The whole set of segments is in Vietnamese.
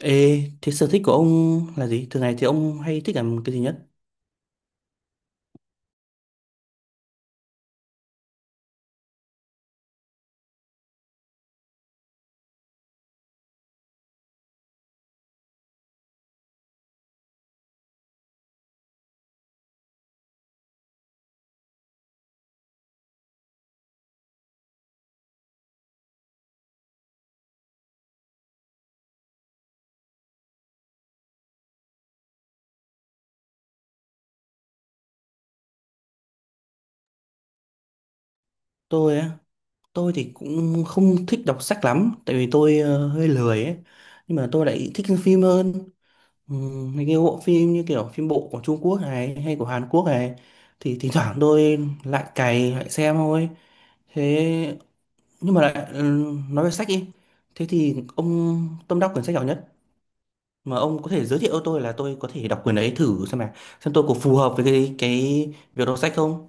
Ê, thế sở thích của ông là gì? Thường ngày thì ông hay thích làm cái gì nhất? Tôi á, tôi thì cũng không thích đọc sách lắm, tại vì tôi hơi lười ấy. Nhưng mà tôi lại thích xem phim hơn. Ừ, mấy cái bộ phim như kiểu phim bộ của Trung Quốc này hay của Hàn Quốc này thì thỉnh thoảng tôi lại cày lại xem thôi. Thế nhưng mà lại nói về sách đi. Thế thì ông tâm đắc quyển sách nào nhất? Mà ông có thể giới thiệu cho tôi là tôi có thể đọc quyển ấy thử xem mà xem tôi có phù hợp với cái việc đọc sách không?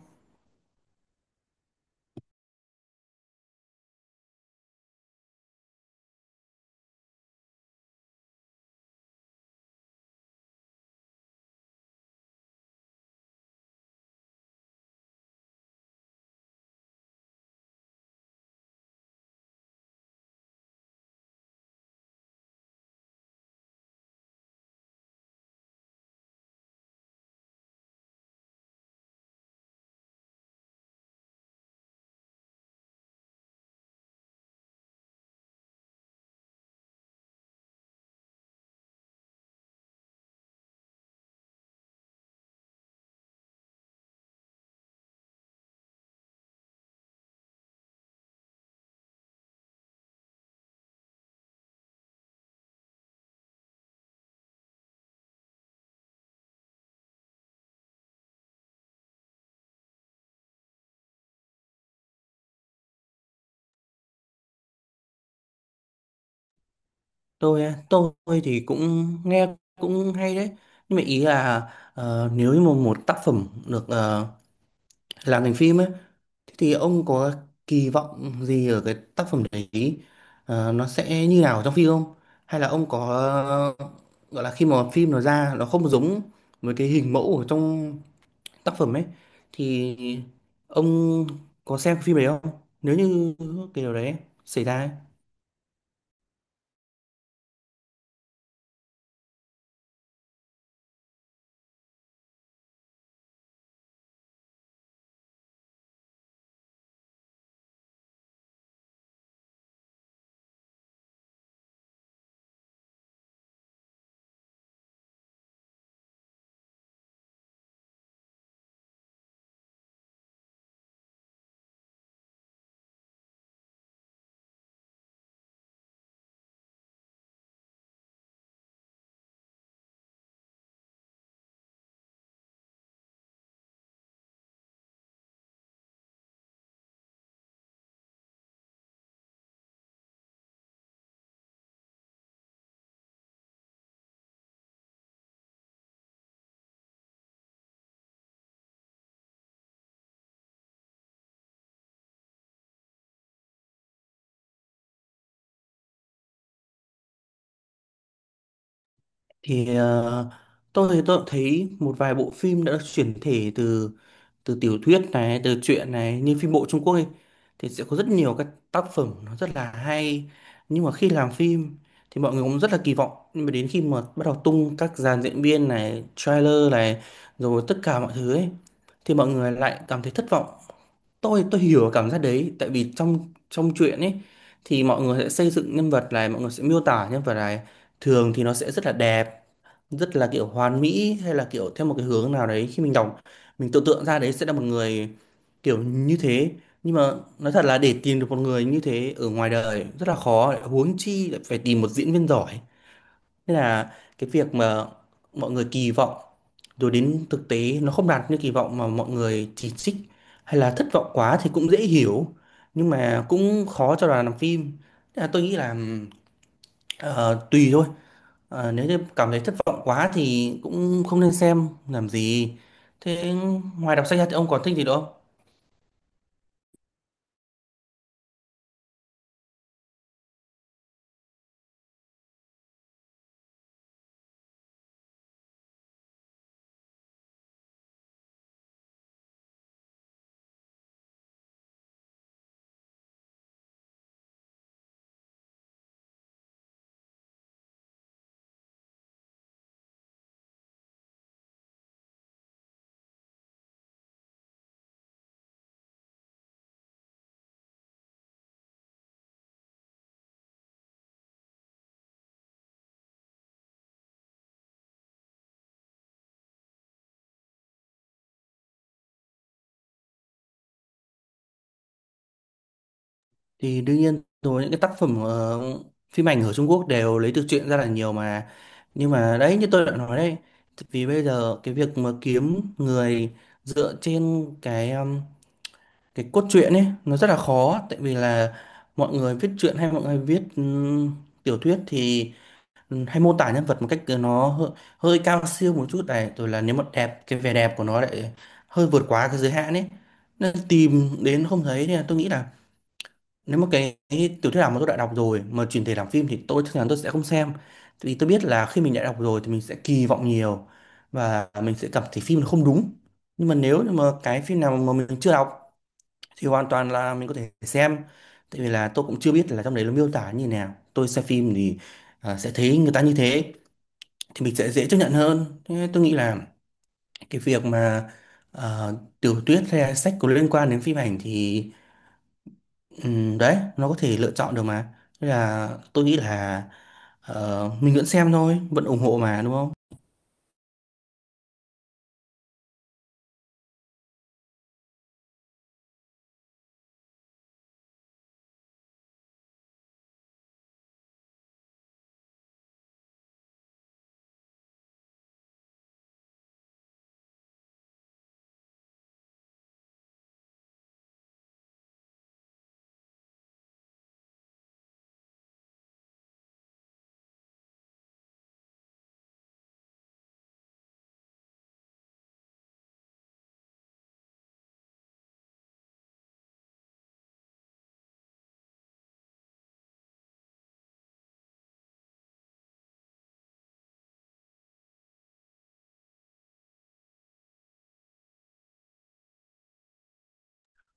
Tôi á, tôi thì cũng nghe cũng hay đấy, nhưng mà ý là nếu như mà một tác phẩm được làm thành phim ấy, thế thì ông có kỳ vọng gì ở cái tác phẩm đấy? Ờ, nó sẽ như nào trong phim không, hay là ông có ờ, gọi là khi mà phim nó ra nó không giống với cái hình mẫu ở trong tác phẩm ấy, thì ông có xem phim đấy không nếu như cái điều đấy xảy ra ấy? Thì tôi thì tôi cũng thấy một vài bộ phim đã được chuyển thể từ từ tiểu thuyết này, từ truyện này, như phim bộ Trung Quốc ấy, thì sẽ có rất nhiều các tác phẩm nó rất là hay. Nhưng mà khi làm phim thì mọi người cũng rất là kỳ vọng, nhưng mà đến khi mà bắt đầu tung các dàn diễn viên này, trailer này, rồi tất cả mọi thứ ấy, thì mọi người lại cảm thấy thất vọng. Tôi hiểu cảm giác đấy, tại vì trong trong truyện ấy thì mọi người sẽ xây dựng nhân vật này, mọi người sẽ miêu tả nhân vật này, thường thì nó sẽ rất là đẹp, rất là kiểu hoàn mỹ, hay là kiểu theo một cái hướng nào đấy. Khi mình đọc, mình tưởng tượng ra đấy sẽ là một người kiểu như thế, nhưng mà nói thật là để tìm được một người như thế ở ngoài đời rất là khó, lại huống chi lại phải tìm một diễn viên giỏi. Nên là cái việc mà mọi người kỳ vọng rồi đến thực tế nó không đạt như kỳ vọng mà mọi người chỉ trích hay là thất vọng quá thì cũng dễ hiểu, nhưng mà cũng khó cho đoàn làm phim. Thế là tôi nghĩ là ờ, tùy thôi. Ờ, nếu như cảm thấy thất vọng quá thì cũng không nên xem làm gì. Thế ngoài đọc sách ra thì ông còn thích gì nữa không? Thì đương nhiên rồi, những cái tác phẩm phim ảnh ở Trung Quốc đều lấy từ truyện ra là nhiều mà. Nhưng mà đấy như tôi đã nói đấy, vì bây giờ cái việc mà kiếm người dựa trên cái cốt truyện ấy nó rất là khó, tại vì là mọi người viết truyện hay mọi người viết tiểu thuyết thì hay mô tả nhân vật một cách nó hơi cao siêu một chút này, rồi là nếu mà đẹp cái vẻ đẹp của nó lại hơi vượt quá cái giới hạn ấy, nên tìm đến không thấy. Nên là tôi nghĩ là nếu mà cái tiểu thuyết nào mà tôi đã đọc rồi mà chuyển thể làm phim thì tôi chắc chắn tôi sẽ không xem, vì tôi biết là khi mình đã đọc rồi thì mình sẽ kỳ vọng nhiều và mình sẽ cảm thấy phim nó không đúng. Nhưng mà nếu như mà cái phim nào mà mình chưa đọc thì hoàn toàn là mình có thể xem, tại vì là tôi cũng chưa biết là trong đấy nó miêu tả như nào, tôi xem phim thì à, sẽ thấy người ta như thế thì mình sẽ dễ chấp nhận hơn. Thế tôi nghĩ là cái việc mà ờ, tiểu thuyết hay là sách có liên quan đến phim ảnh thì đấy nó có thể lựa chọn được mà. Thế là tôi nghĩ là mình vẫn xem thôi, vẫn ủng hộ mà đúng không?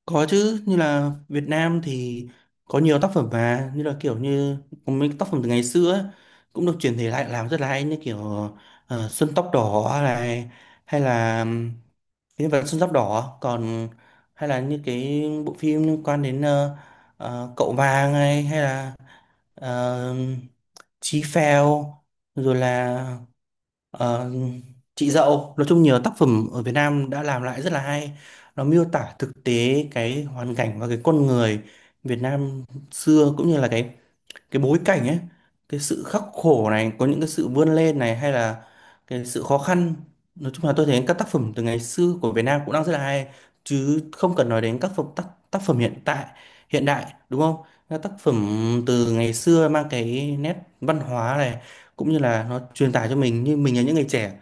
Có chứ, như là Việt Nam thì có nhiều tác phẩm mà như là kiểu như có mấy tác phẩm từ ngày xưa ấy, cũng được chuyển thể lại làm rất là hay, như kiểu Xuân tóc đỏ này, hay là Nhân vật Sơn Giáp Đỏ còn, hay là những cái bộ phim liên quan đến Cậu Vàng này, hay là ờ, Chí Phèo, rồi là ờ, Chị Dậu. Nói chung nhiều tác phẩm ở Việt Nam đã làm lại rất là hay, nó miêu tả thực tế cái hoàn cảnh và cái con người Việt Nam xưa, cũng như là cái bối cảnh ấy, cái sự khắc khổ này, có những cái sự vươn lên này, hay là cái sự khó khăn. Nói chung là tôi thấy các tác phẩm từ ngày xưa của Việt Nam cũng đang rất là hay, chứ không cần nói đến tác phẩm hiện tại, hiện đại, đúng không? Các tác phẩm từ ngày xưa mang cái nét văn hóa này, cũng như là nó truyền tải cho mình, như mình là những người trẻ,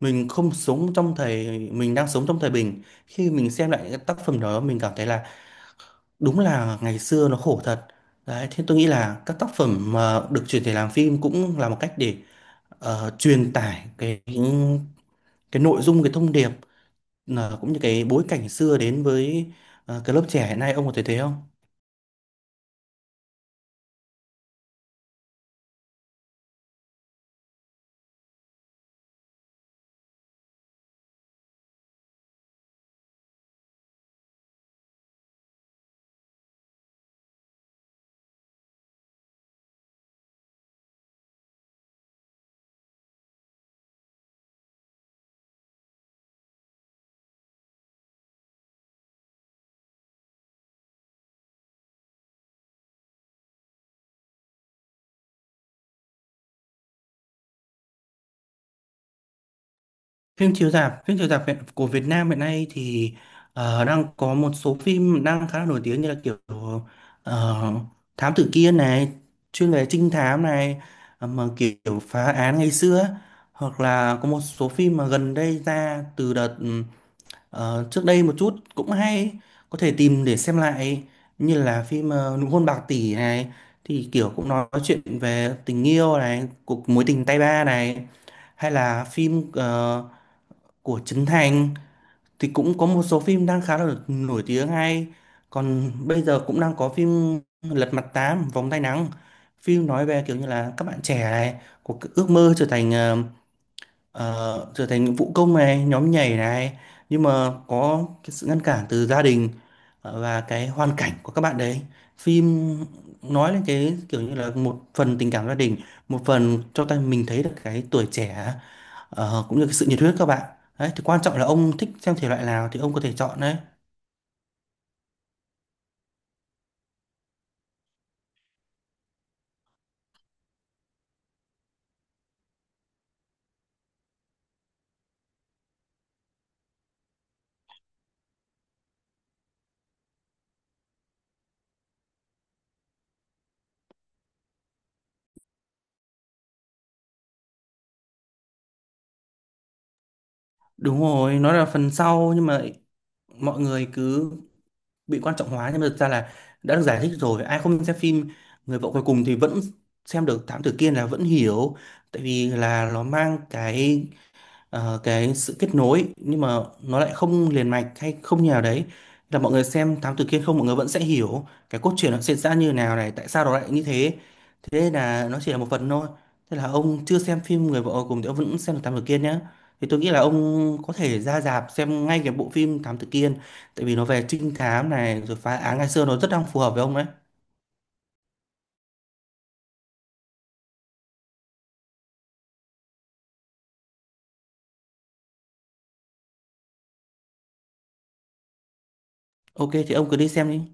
mình không sống trong thời, mình đang sống trong thời bình, khi mình xem lại những cái tác phẩm đó mình cảm thấy là đúng là ngày xưa nó khổ thật đấy. Thế tôi nghĩ là các tác phẩm mà được chuyển thể làm phim cũng là một cách để truyền tải cái nội dung, cái thông điệp, cũng như cái bối cảnh xưa đến với cái lớp trẻ hiện nay, ông có thể thấy không? Phim chiếu rạp, phim chiếu rạp của Việt Nam hiện nay thì đang có một số phim đang khá là nổi tiếng, như là kiểu ờ, Thám Tử Kiên này, chuyên về trinh thám này, mà kiểu phá án ngày xưa. Hoặc là có một số phim mà gần đây ra từ đợt trước đây một chút cũng hay, có thể tìm để xem lại, như là phim Nụ hôn bạc tỷ này, thì kiểu cũng nói chuyện về tình yêu này, cuộc mối tình tay ba này, hay là phim của Trấn Thành thì cũng có một số phim đang khá là nổi tiếng hay. Còn bây giờ cũng đang có phim Lật Mặt Tám Vòng Tay Nắng, phim nói về kiểu như là các bạn trẻ này có cái ước mơ trở thành trở thành vũ công này, nhóm nhảy này, nhưng mà có cái sự ngăn cản từ gia đình và cái hoàn cảnh của các bạn đấy. Phim nói lên cái kiểu như là một phần tình cảm gia đình, một phần cho ta mình thấy được cái tuổi trẻ cũng như cái sự nhiệt huyết các bạn đấy. Thì quan trọng là ông thích xem thể loại nào thì ông có thể chọn đấy. Đúng rồi, nó là phần sau, nhưng mà mọi người cứ bị quan trọng hóa, nhưng mà thực ra là đã được giải thích rồi, ai không xem phim Người vợ cuối cùng thì vẫn xem được Thám Tử Kiên, là vẫn hiểu, tại vì là nó mang cái cái sự kết nối, nhưng mà nó lại không liền mạch hay không như nào đấy, là mọi người xem Thám Tử Kiên không mọi người vẫn sẽ hiểu cái cốt truyện nó diễn ra như nào này, tại sao nó lại như thế. Thế nên là nó chỉ là một phần thôi. Thế là ông chưa xem phim Người vợ Ở cùng thì ông vẫn xem được Thám Tử Kiên nhé. Thì tôi nghĩ là ông có thể ra rạp xem ngay cái bộ phim Thám Tử Kiên, tại vì nó về trinh thám này rồi phá án ngày xưa, nó rất đang phù hợp với ông đấy. Ok thì ông cứ đi xem đi.